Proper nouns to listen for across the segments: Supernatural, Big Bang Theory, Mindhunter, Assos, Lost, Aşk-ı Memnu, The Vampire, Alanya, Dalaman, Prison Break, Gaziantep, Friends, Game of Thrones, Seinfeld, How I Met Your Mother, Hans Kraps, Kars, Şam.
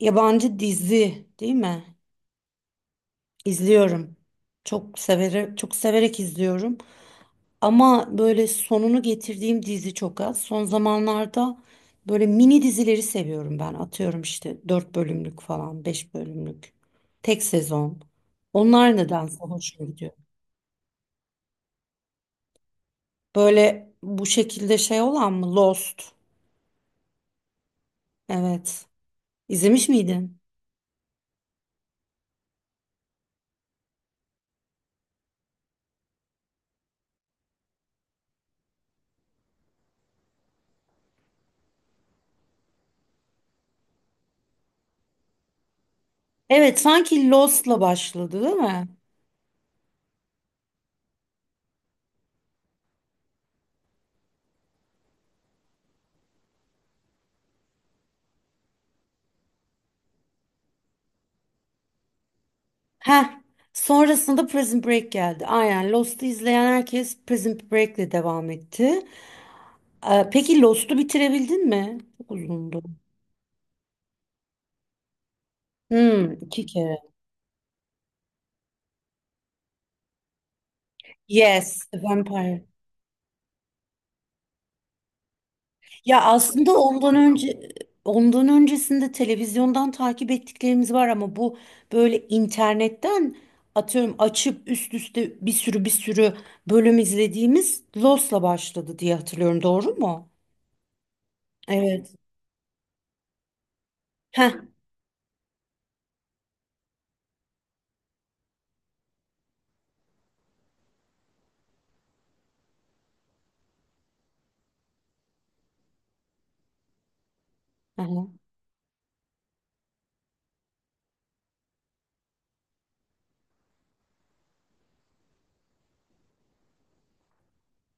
Yabancı dizi değil mi? İzliyorum. Çok severek, çok severek izliyorum. Ama böyle sonunu getirdiğim dizi çok az. Son zamanlarda böyle mini dizileri seviyorum ben. Atıyorum işte 4 bölümlük falan, 5 bölümlük. Tek sezon. Onlar nedense hoşuma gidiyor. Böyle bu şekilde şey olan mı? Lost. Evet. İzlemiş miydin? Evet, sanki Lost'la başladı, değil mi? Heh. Sonrasında Prison Break geldi. Aynen Lost'u izleyen herkes Prison Break'le devam etti. Peki Lost'u bitirebildin mi? Çok uzundu. Hmm, iki kere. Yes, The Vampire. Ya aslında ondan öncesinde televizyondan takip ettiklerimiz var ama bu böyle internetten atıyorum açıp üst üste bir sürü bir sürü bölüm izlediğimiz Lost'la başladı diye hatırlıyorum. Doğru mu? Evet. Heh. Aha.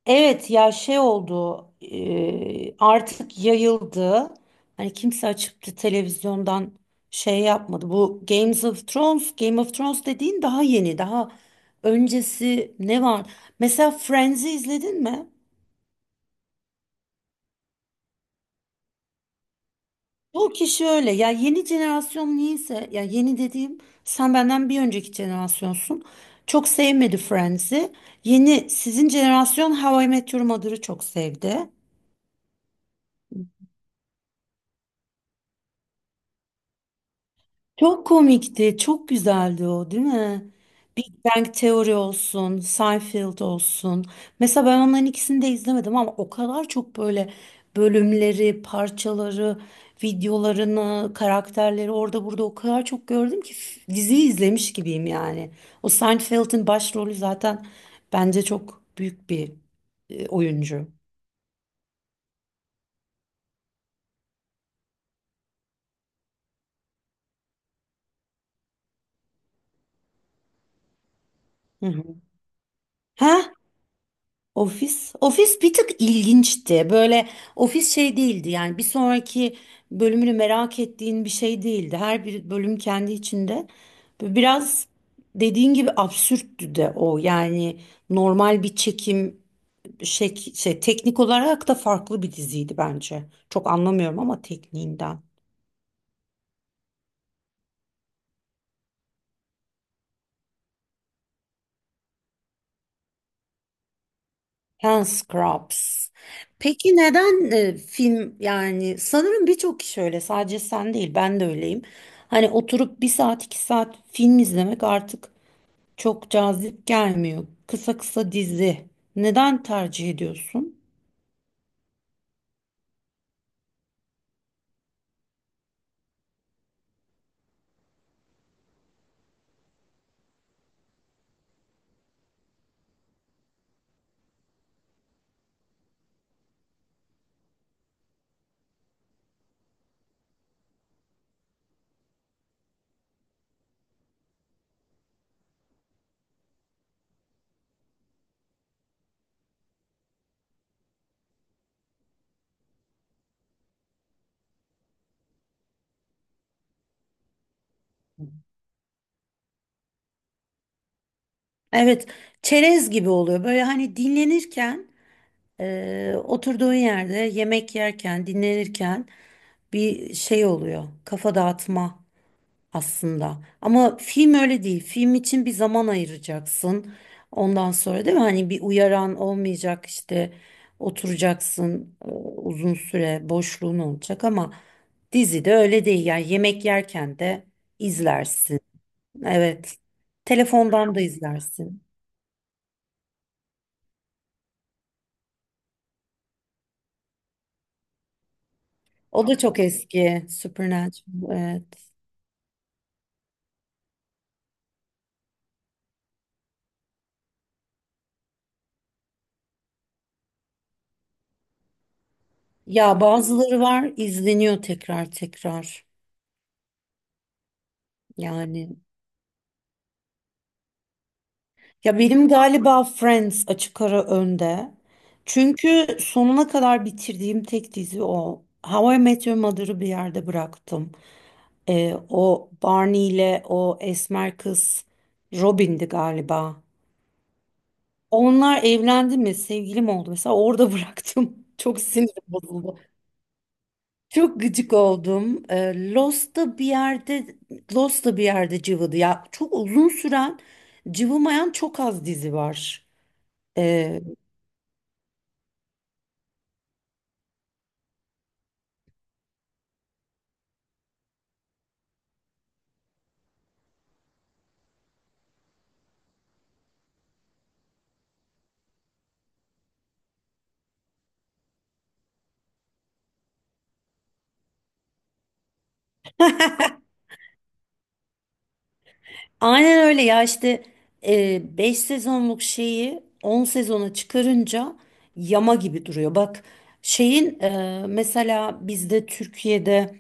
Evet ya şey oldu artık yayıldı. Hani kimse açıp da televizyondan şey yapmadı. Bu Games of Thrones, Game of Thrones dediğin daha yeni, daha öncesi ne var? Mesela Friends'i izledin mi? Bu kişi öyle. Ya yeni jenerasyon niyeyse, ya yeni dediğim sen benden bir önceki jenerasyonsun. Çok sevmedi Friends'i. Yeni sizin jenerasyon How I Met Your Mother'ı çok sevdi. Çok komikti, çok güzeldi o, değil mi? Big Bang Theory olsun, Seinfeld olsun. Mesela ben onların ikisini de izlemedim ama o kadar çok böyle bölümleri, parçaları, videolarını, karakterleri orada burada o kadar çok gördüm ki diziyi izlemiş gibiyim yani. O Seinfeld'in başrolü zaten bence çok büyük bir oyuncu. Hı hı. Ha? Ofis, ofis bir tık ilginçti. Böyle ofis şey değildi yani bir sonraki bölümünü merak ettiğin bir şey değildi. Her bir bölüm kendi içinde. Biraz dediğin gibi absürttü de o. Yani normal bir çekim şey teknik olarak da farklı bir diziydi bence. Çok anlamıyorum ama tekniğinden. Hans Kraps. Peki neden film yani sanırım birçok kişi öyle, sadece sen değil, ben de öyleyim. Hani oturup bir saat iki saat film izlemek artık çok cazip gelmiyor. Kısa kısa dizi. Neden tercih ediyorsun? Evet, çerez gibi oluyor böyle hani dinlenirken oturduğun yerde yemek yerken dinlenirken bir şey oluyor, kafa dağıtma aslında. Ama film öyle değil. Film için bir zaman ayıracaksın. Ondan sonra değil mi? Hani bir uyaran olmayacak, işte oturacaksın uzun süre boşluğun olacak ama dizide öyle değil. Yani yemek yerken de izlersin. Evet. Telefondan da izlersin. O da çok eski. Supernatural. Evet. Ya bazıları var, izleniyor tekrar tekrar. Yani. Ya benim galiba Friends açık ara önde. Çünkü sonuna kadar bitirdiğim tek dizi o. How I Met Your Mother'ı bir yerde bıraktım. O Barney ile o esmer kız Robin'di galiba. Onlar evlendi mi, sevgili mi oldu, mesela orada bıraktım. Çok sinirim bozuldu. Çok gıcık oldum. Lost da bir yerde cıvıdı. Ya çok uzun süren cıvımayan çok az dizi var. Ee, Aynen öyle ya, işte 5 sezonluk şeyi 10 sezona çıkarınca yama gibi duruyor. Bak şeyin mesela bizde Türkiye'de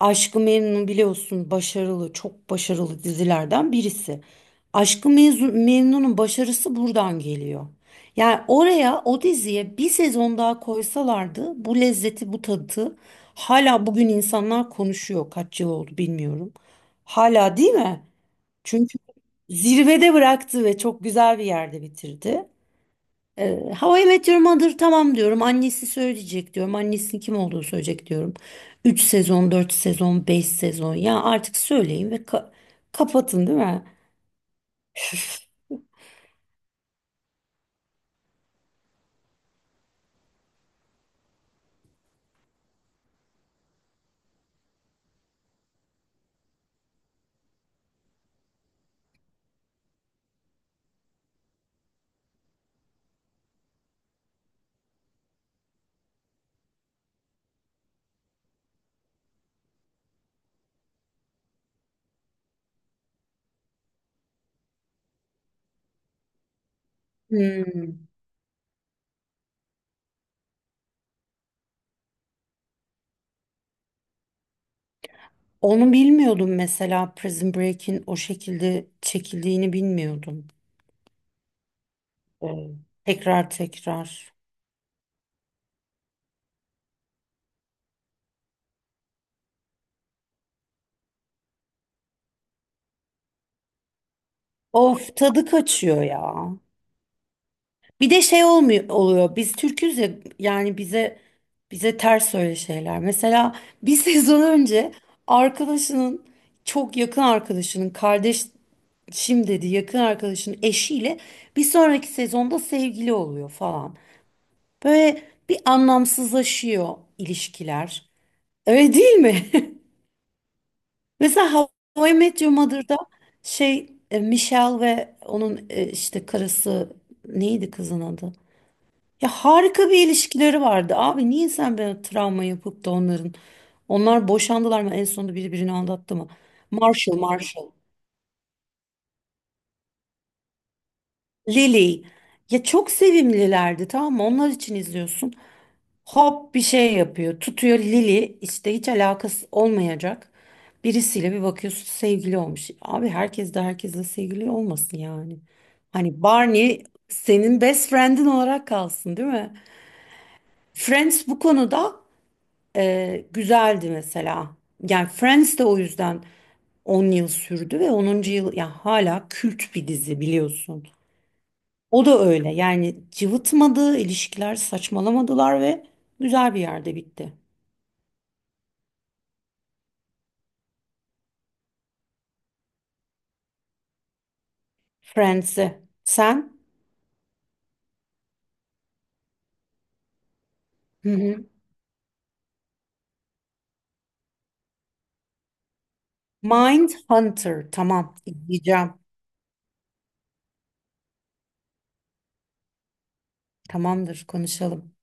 Aşk-ı Memnu, biliyorsun, başarılı, çok başarılı dizilerden birisi. Aşk-ı Memnu'nun başarısı buradan geliyor. Yani oraya, o diziye bir sezon daha koysalardı bu lezzeti, bu tadı hala bugün insanlar konuşuyor, kaç yıl oldu bilmiyorum. Hala, değil mi? Çünkü zirvede bıraktı ve çok güzel bir yerde bitirdi. How I Met Your Mother tamam diyorum. Annesi söyleyecek diyorum. Annesinin kim olduğunu söyleyecek diyorum. 3 sezon, 4 sezon, 5 sezon. Ya artık söyleyin ve kapatın, değil mi? Hmm. Onu bilmiyordum, mesela Prison Break'in o şekilde çekildiğini bilmiyordum. Ee, Tekrar tekrar. Of, tadı kaçıyor ya. Bir de şey olmuyor oluyor. Biz Türküz ya, yani bize ters öyle şeyler. Mesela bir sezon önce arkadaşının çok yakın arkadaşının kardeş, şimdi dedi yakın arkadaşının eşiyle bir sonraki sezonda sevgili oluyor falan. Böyle bir anlamsızlaşıyor ilişkiler. Öyle değil mi? Mesela How I Met Your Mother'da şey Michelle ve onun işte karısı, neydi kızın adı? Ya harika bir ilişkileri vardı. Abi niye sen böyle travma yapıp da onların? Onlar boşandılar mı? En sonunda biri birini aldattı mı? Marshall, Marshall. Lily. Ya çok sevimlilerdi, tamam mı? Onlar için izliyorsun. Hop bir şey yapıyor. Tutuyor Lily işte hiç alakası olmayacak birisiyle, bir bakıyorsun sevgili olmuş. Abi herkes de herkesle sevgili olmasın yani. Hani Barney senin best friend'in olarak kalsın, değil mi? Friends bu konuda güzeldi mesela. Yani Friends de o yüzden 10 yıl sürdü ve onuncu yıl ya hala kült bir dizi biliyorsun. O da öyle. Yani cıvıtmadı, ilişkiler saçmalamadılar ve güzel bir yerde bitti. Friends'i. Sen? Hı hı. Mindhunter. Tamam, izleyeceğim. Tamamdır, konuşalım.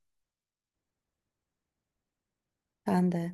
Ben de.